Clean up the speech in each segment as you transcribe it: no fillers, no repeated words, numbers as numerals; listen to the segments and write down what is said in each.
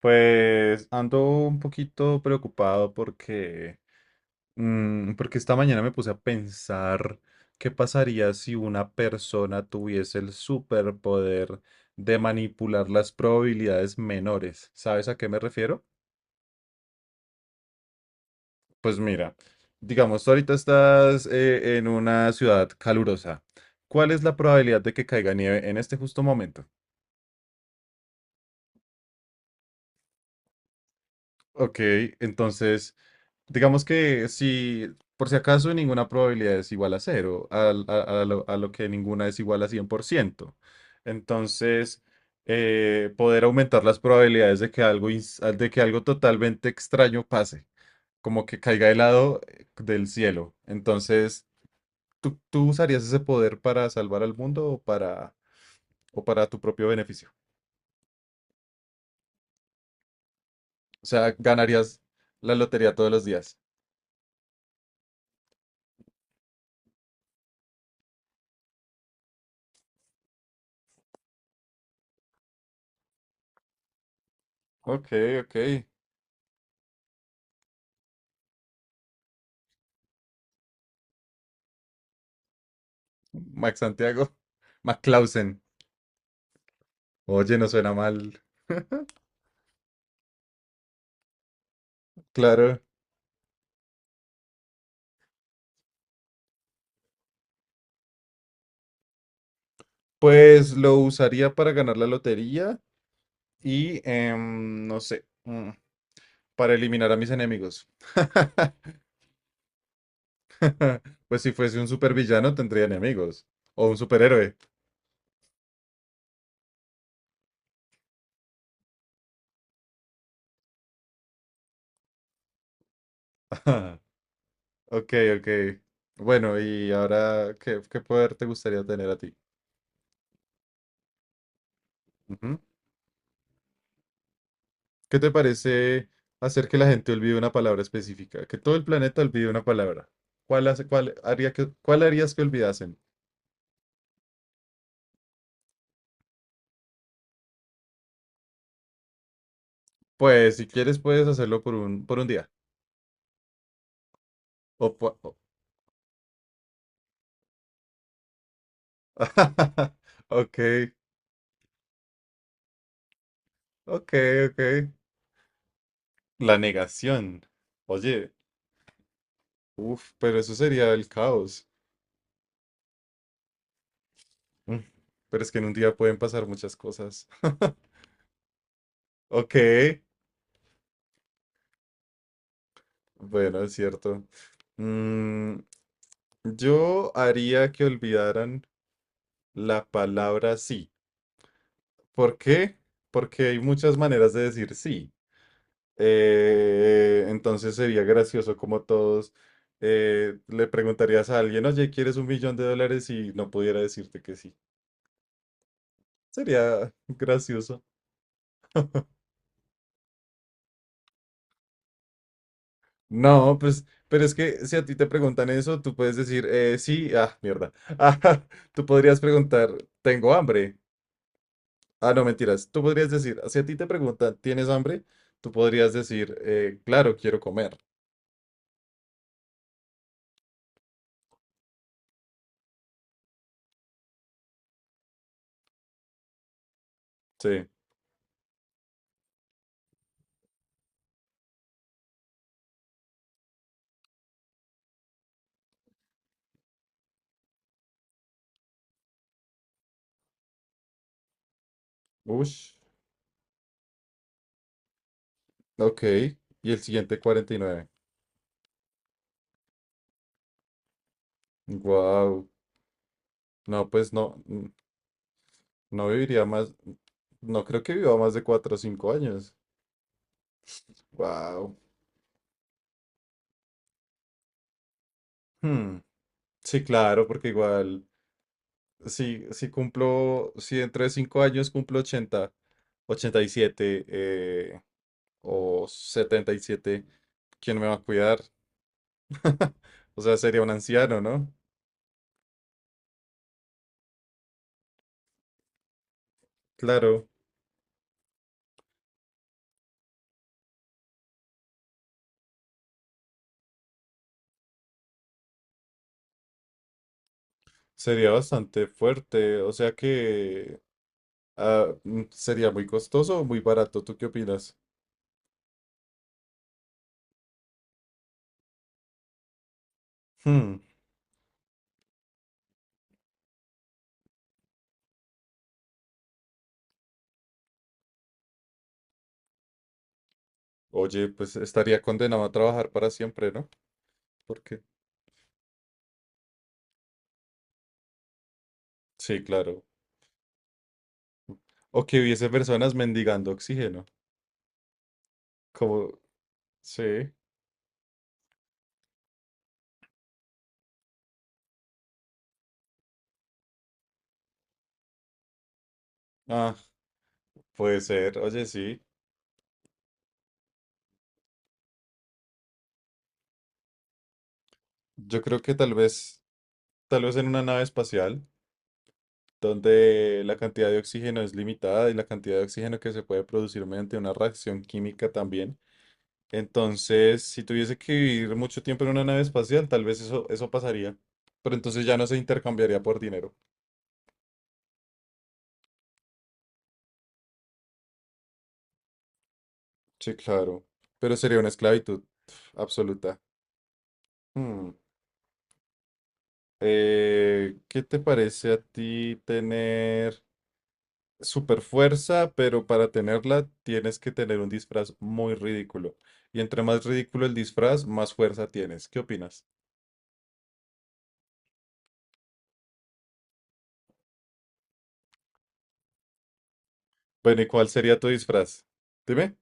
Pues ando un poquito preocupado porque esta mañana me puse a pensar qué pasaría si una persona tuviese el superpoder de manipular las probabilidades menores. ¿Sabes a qué me refiero? Pues mira, digamos, tú ahorita estás en una ciudad calurosa. ¿Cuál es la probabilidad de que caiga nieve en este justo momento? Ok, entonces. Digamos que si por si acaso ninguna probabilidad es igual a cero, a lo que ninguna es igual a 100%. Entonces, poder aumentar las probabilidades de que algo totalmente extraño pase, como que caiga helado del cielo. Entonces, ¿tú usarías ese poder para salvar al mundo o o para tu propio beneficio? O sea, ganarías la lotería todos los días. Ok, ok. Max Santiago, Mac Clausen. Oye, no suena mal. Claro. Pues lo usaría para ganar la lotería y, no sé, para eliminar a mis enemigos. Pues si fuese un supervillano tendría enemigos. O un superhéroe. Ok, ok. Bueno, y ahora, ¿qué poder te gustaría tener a ti? Ujú. ¿Qué te parece hacer que la gente olvide una palabra específica? Que todo el planeta olvide una palabra. Cuál harías que olvidasen? Pues si quieres puedes hacerlo por un día. O po- o- Ok, ok, ok. La negación. Oye, uff, pero eso sería el caos. Mm. Pero es que en un día pueden pasar muchas cosas. Ok, bueno, es cierto. Mm, yo haría que olvidaran la palabra sí. ¿Por qué? Porque hay muchas maneras de decir sí. Entonces sería gracioso como todos le preguntarías a alguien, oye, ¿quieres 1 millón de dólares? Y no pudiera decirte que sí. Sería gracioso. No, pues, pero es que si a ti te preguntan eso, tú puedes decir, sí, ah, mierda. Ah, tú podrías preguntar, tengo hambre. Ah, no, mentiras. Tú podrías decir, si a ti te preguntan, ¿tienes hambre? Tú podrías decir, claro, quiero comer. Sí. Ush. Ok. Y el siguiente, 49. Wow. No, pues no, no viviría más, no creo que viva más de 4 o 5 años. Wow. Sí, claro, porque igual, si dentro de 5 años cumplo 80, 87 o 77. ¿Quién me va a cuidar? O sea, sería un anciano, ¿no? Claro, sería bastante fuerte. O sea que ah, sería muy costoso o muy barato. ¿Tú qué opinas? Hmm. Oye, pues estaría condenado a trabajar para siempre, ¿no? Porque, sí, claro. O que hubiese personas mendigando oxígeno. Como, sí. Ah, puede ser. Oye, sí. Yo creo que tal vez en una nave espacial, donde la cantidad de oxígeno es limitada y la cantidad de oxígeno que se puede producir mediante una reacción química también. Entonces, si tuviese que vivir mucho tiempo en una nave espacial, tal vez eso pasaría. Pero entonces ya no se intercambiaría por dinero. Sí, claro. Pero sería una esclavitud absoluta. Hmm. ¿Qué te parece a ti tener super fuerza, pero para tenerla tienes que tener un disfraz muy ridículo? Y entre más ridículo el disfraz, más fuerza tienes. ¿Qué opinas? Bueno, ¿y cuál sería tu disfraz? Dime.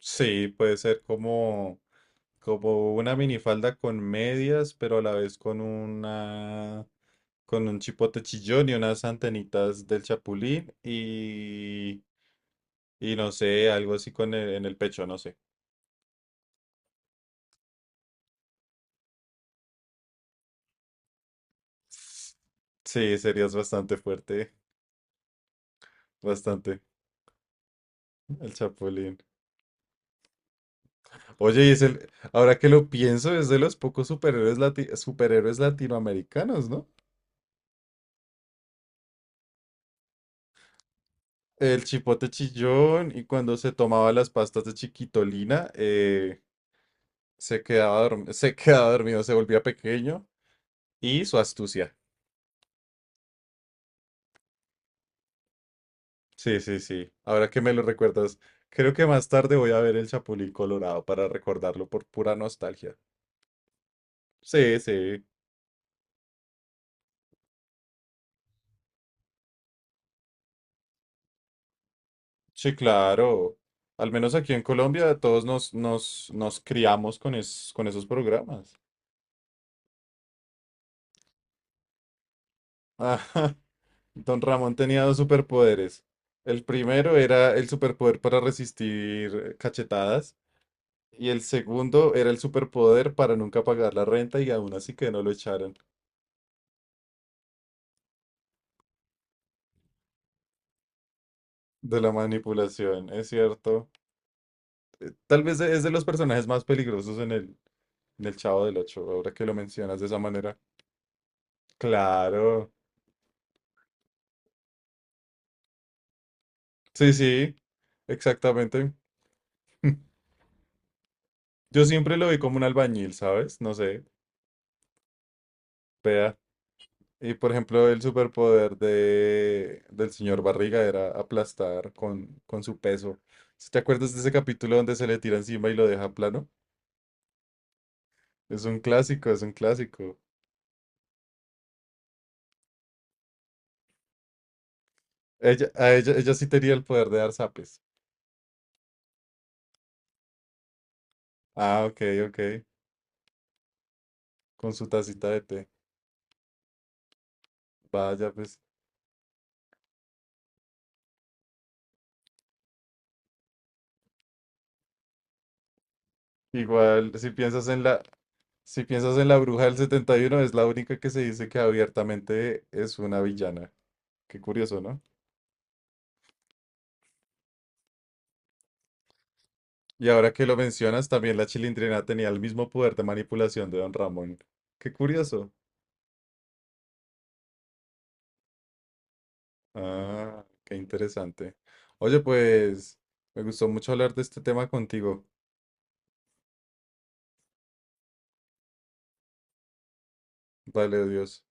Sí, puede ser como una minifalda con medias, pero a la vez con un chipote chillón y unas antenitas del chapulín y no sé, algo así con en el pecho, no sé. Sí, serías bastante fuerte, bastante, el Chapulín. Oye, y es el, ahora que lo pienso, es de los pocos superhéroes, superhéroes latinoamericanos, ¿no? El Chipote Chillón y cuando se tomaba las pastas de Chiquitolina, se quedaba dormido, se volvía pequeño y su astucia. Sí, sí, sí. Ahora que me lo recuerdas, creo que más tarde voy a ver el Chapulín Colorado para recordarlo por pura nostalgia. Sí, sí, sí, claro. Al menos aquí en Colombia todos nos criamos con esos programas. Ajá. Don Ramón tenía dos superpoderes. El primero era el superpoder para resistir cachetadas. Y el segundo era el superpoder para nunca pagar la renta y aún así que no lo echaran. De la manipulación, es cierto. Tal vez es de los personajes más peligrosos en el Chavo del Ocho, ahora que lo mencionas de esa manera. Claro. Sí, sí, exactamente. Yo siempre lo vi como un albañil, ¿sabes? No sé, vea. Y por ejemplo, el superpoder del señor Barriga era aplastar con su peso. ¿Sí? ¿Te acuerdas de ese capítulo donde se le tira encima y lo deja plano? Es un clásico, es un clásico. Ella sí tenía el poder de dar zapes. Ah, ok, ok. Con su tacita de té. Vaya, pues. Igual, si piensas en la bruja del 71 es la única que se dice que abiertamente es una villana. Qué curioso, ¿no? Y ahora que lo mencionas, también la Chilindrina tenía el mismo poder de manipulación de Don Ramón. Qué curioso. Ah, qué interesante. Oye, pues, me gustó mucho hablar de este tema contigo. Vale, Dios.